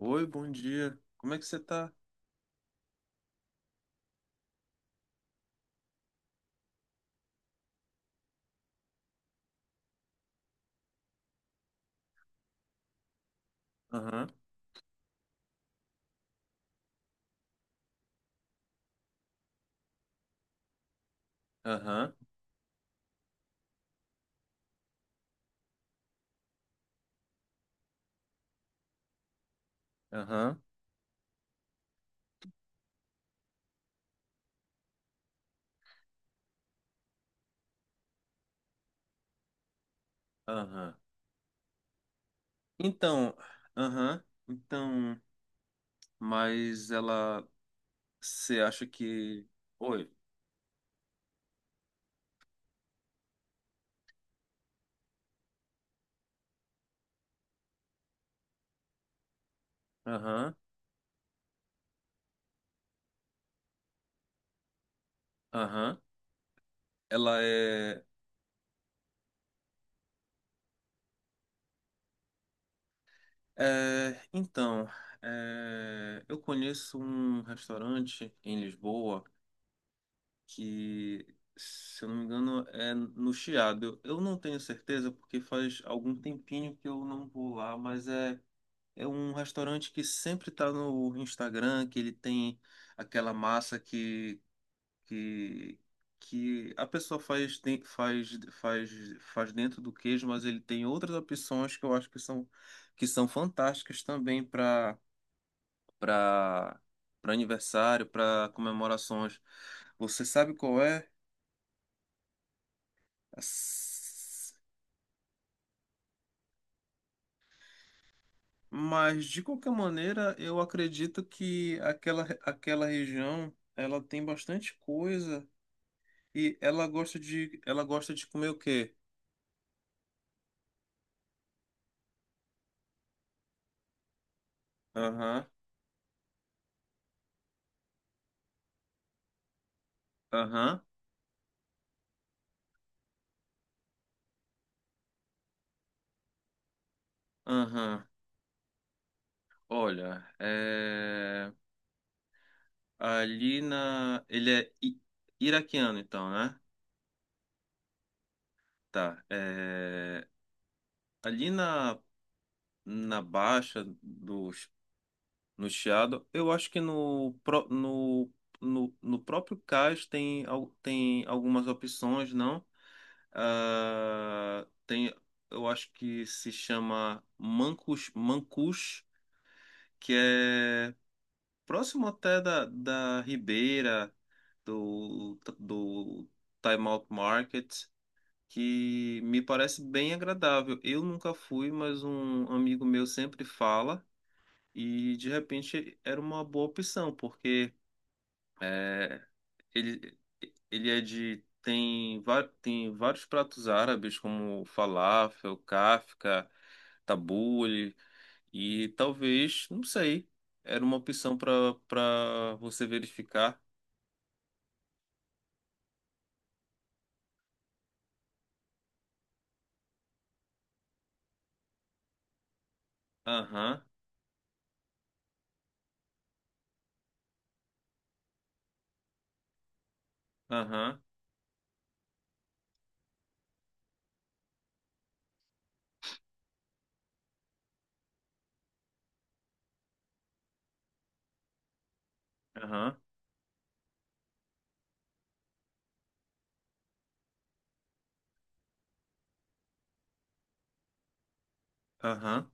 Oi, bom dia. Como é que você tá? Aham, aham, aham, aham. Então, aham, então, mas ela, você acha que. Oi, aham, aham. Ela é. É, então, é, eu conheço um restaurante em Lisboa que, se eu não me engano, é no Chiado. Eu não tenho certeza porque faz algum tempinho que eu não vou lá, mas é. É um restaurante que sempre tá no Instagram, que ele tem aquela massa que, que a pessoa faz, faz, dentro do queijo, mas ele tem outras opções que eu acho que são fantásticas também para para aniversário, para comemorações. Você sabe qual é? As- Mas de qualquer maneira, eu acredito que aquela região ela tem bastante coisa. E ela gosta de comer o quê? Aham, aham, aham. Olha, ali na, iraquiano então, né? Tá. Ali na baixa do no Chiado, eu acho que no próprio cais tem algumas opções, não? Ah, tem, eu acho que se chama mancus, mancus, que é próximo até da Ribeira, do Time Out Market, que me parece bem agradável. Eu nunca fui, mas um amigo meu sempre fala, e de repente era uma boa opção, porque é, ele, ele é de. Tem vários pratos árabes, como falafel, kafta, tabule. E talvez, não sei, era uma opção para você verificar. Aham, aham, aham, aham.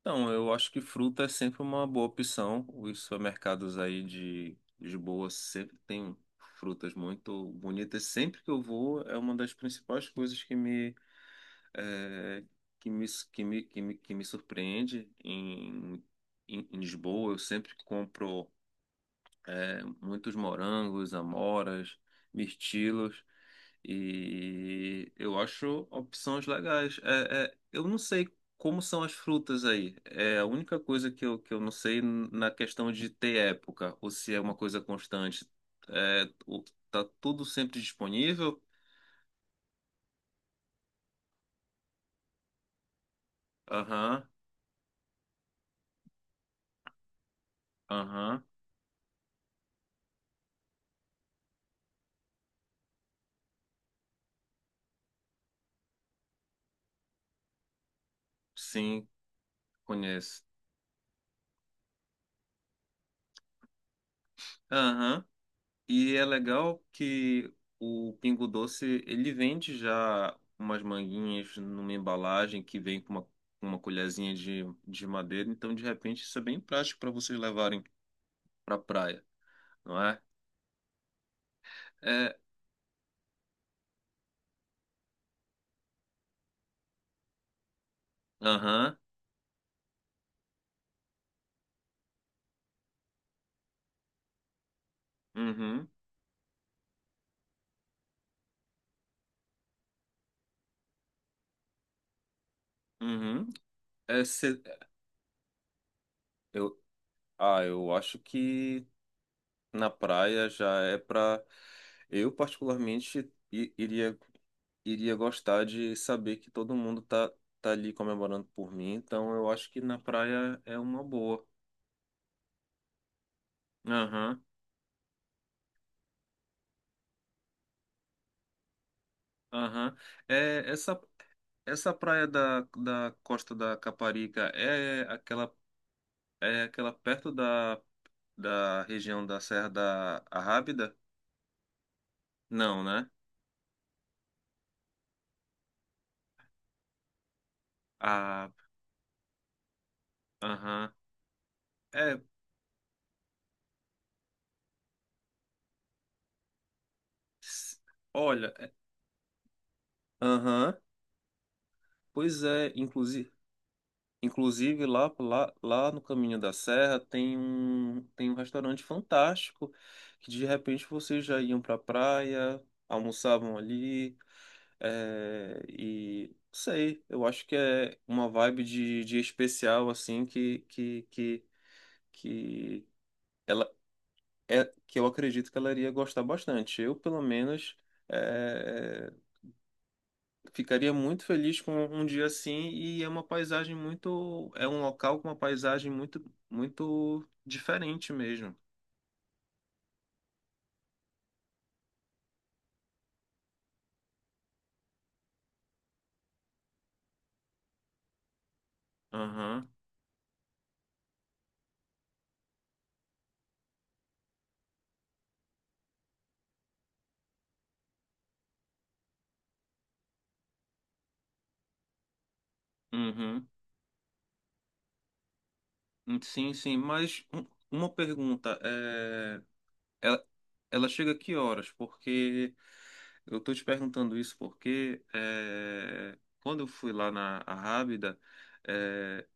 Então, eu acho que fruta é sempre uma boa opção. Os supermercados aí de Lisboa sempre tem frutas muito bonitas. Sempre que eu vou, é uma das principais coisas que me, eh, que me, que me, que me, que me surpreende em Lisboa. Eu sempre compro. É, muitos morangos, amoras, mirtilos. E eu acho opções legais. É, eu não sei como são as frutas aí. É a única coisa que eu não sei na questão de ter época, ou se é uma coisa constante. É, o- tá tudo sempre disponível? Aham, aham, sim, conheço. Aham. E é legal que o Pingo Doce, ele vende já umas manguinhas numa embalagem que vem com uma colherzinha de madeira, então de repente isso é bem prático para vocês levarem para praia, não é? É, aham, uhum, uhum. É, cê- eu, eu acho que na praia já é para eu particularmente iria gostar de saber que todo mundo tá ali comemorando por mim, então eu acho que na praia é uma boa. Aham, aham. É, essa praia da Costa da Caparica é aquela perto da região da Serra da Arrábida? Não, né? Ah, aham. É, ps- Olha, aham. Pois é, inclusive. Inclusive, lá no Caminho da Serra tem um restaurante fantástico que de repente vocês já iam para a praia, almoçavam ali, é, e não sei, eu acho que é uma vibe de especial assim que ela é que eu acredito que ela iria gostar bastante. Eu, pelo menos, eh, ficaria muito feliz com um dia assim e é uma paisagem muito, é um local com uma paisagem muito, muito diferente mesmo. Aham, uhum. Sim, mas uma pergunta, é, ela, ela chega a que horas? Porque eu tô te perguntando isso porque é, quando eu fui lá na Arrábida, é,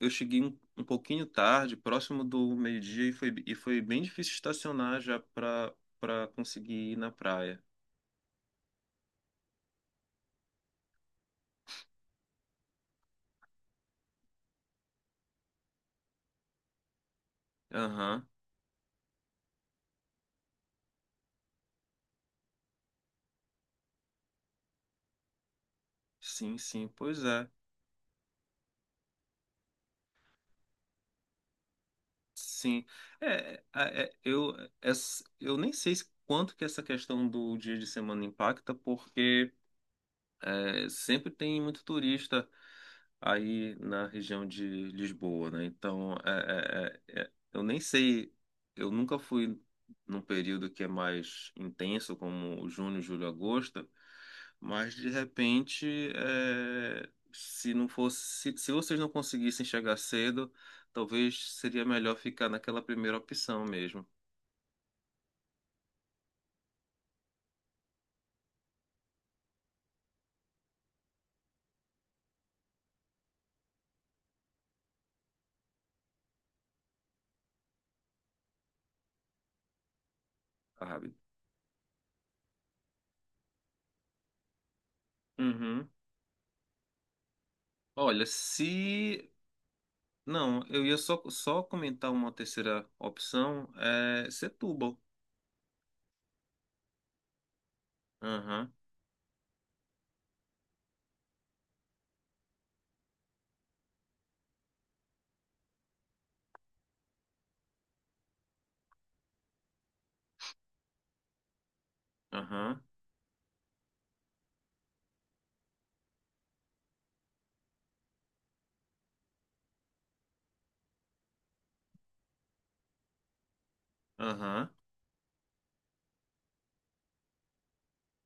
eu cheguei um pouquinho tarde, próximo do meio-dia, e foi bem difícil estacionar já para conseguir ir na praia. Aham. Sim, pois é. Sim. Eu, eu nem sei quanto que essa questão do dia de semana impacta, porque. É, sempre tem muito turista aí na região de Lisboa, né? Então, é, eu nem sei, eu nunca fui num período que é mais intenso, como junho, julho, agosto, mas de repente, é, se não fosse, se vocês não conseguissem chegar cedo, talvez seria melhor ficar naquela primeira opção mesmo, sabe? Uhum. Olha, se. Não, eu ia só comentar uma terceira opção, é Setúbal. Aham, aham, aham.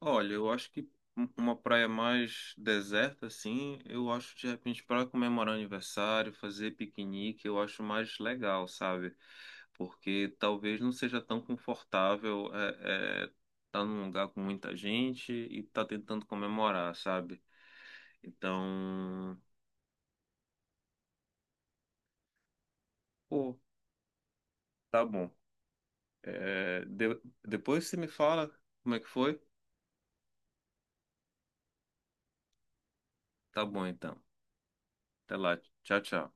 Olha, eu acho que uma praia mais deserta, assim, eu acho de repente para comemorar aniversário, fazer piquenique, eu acho mais legal, sabe? Porque talvez não seja tão confortável é, tá num lugar com muita gente e tá tentando comemorar, sabe? Então, pô, tá bom. É, depois você me fala como é que foi. Tá bom, então. Até lá. Tchau, tchau.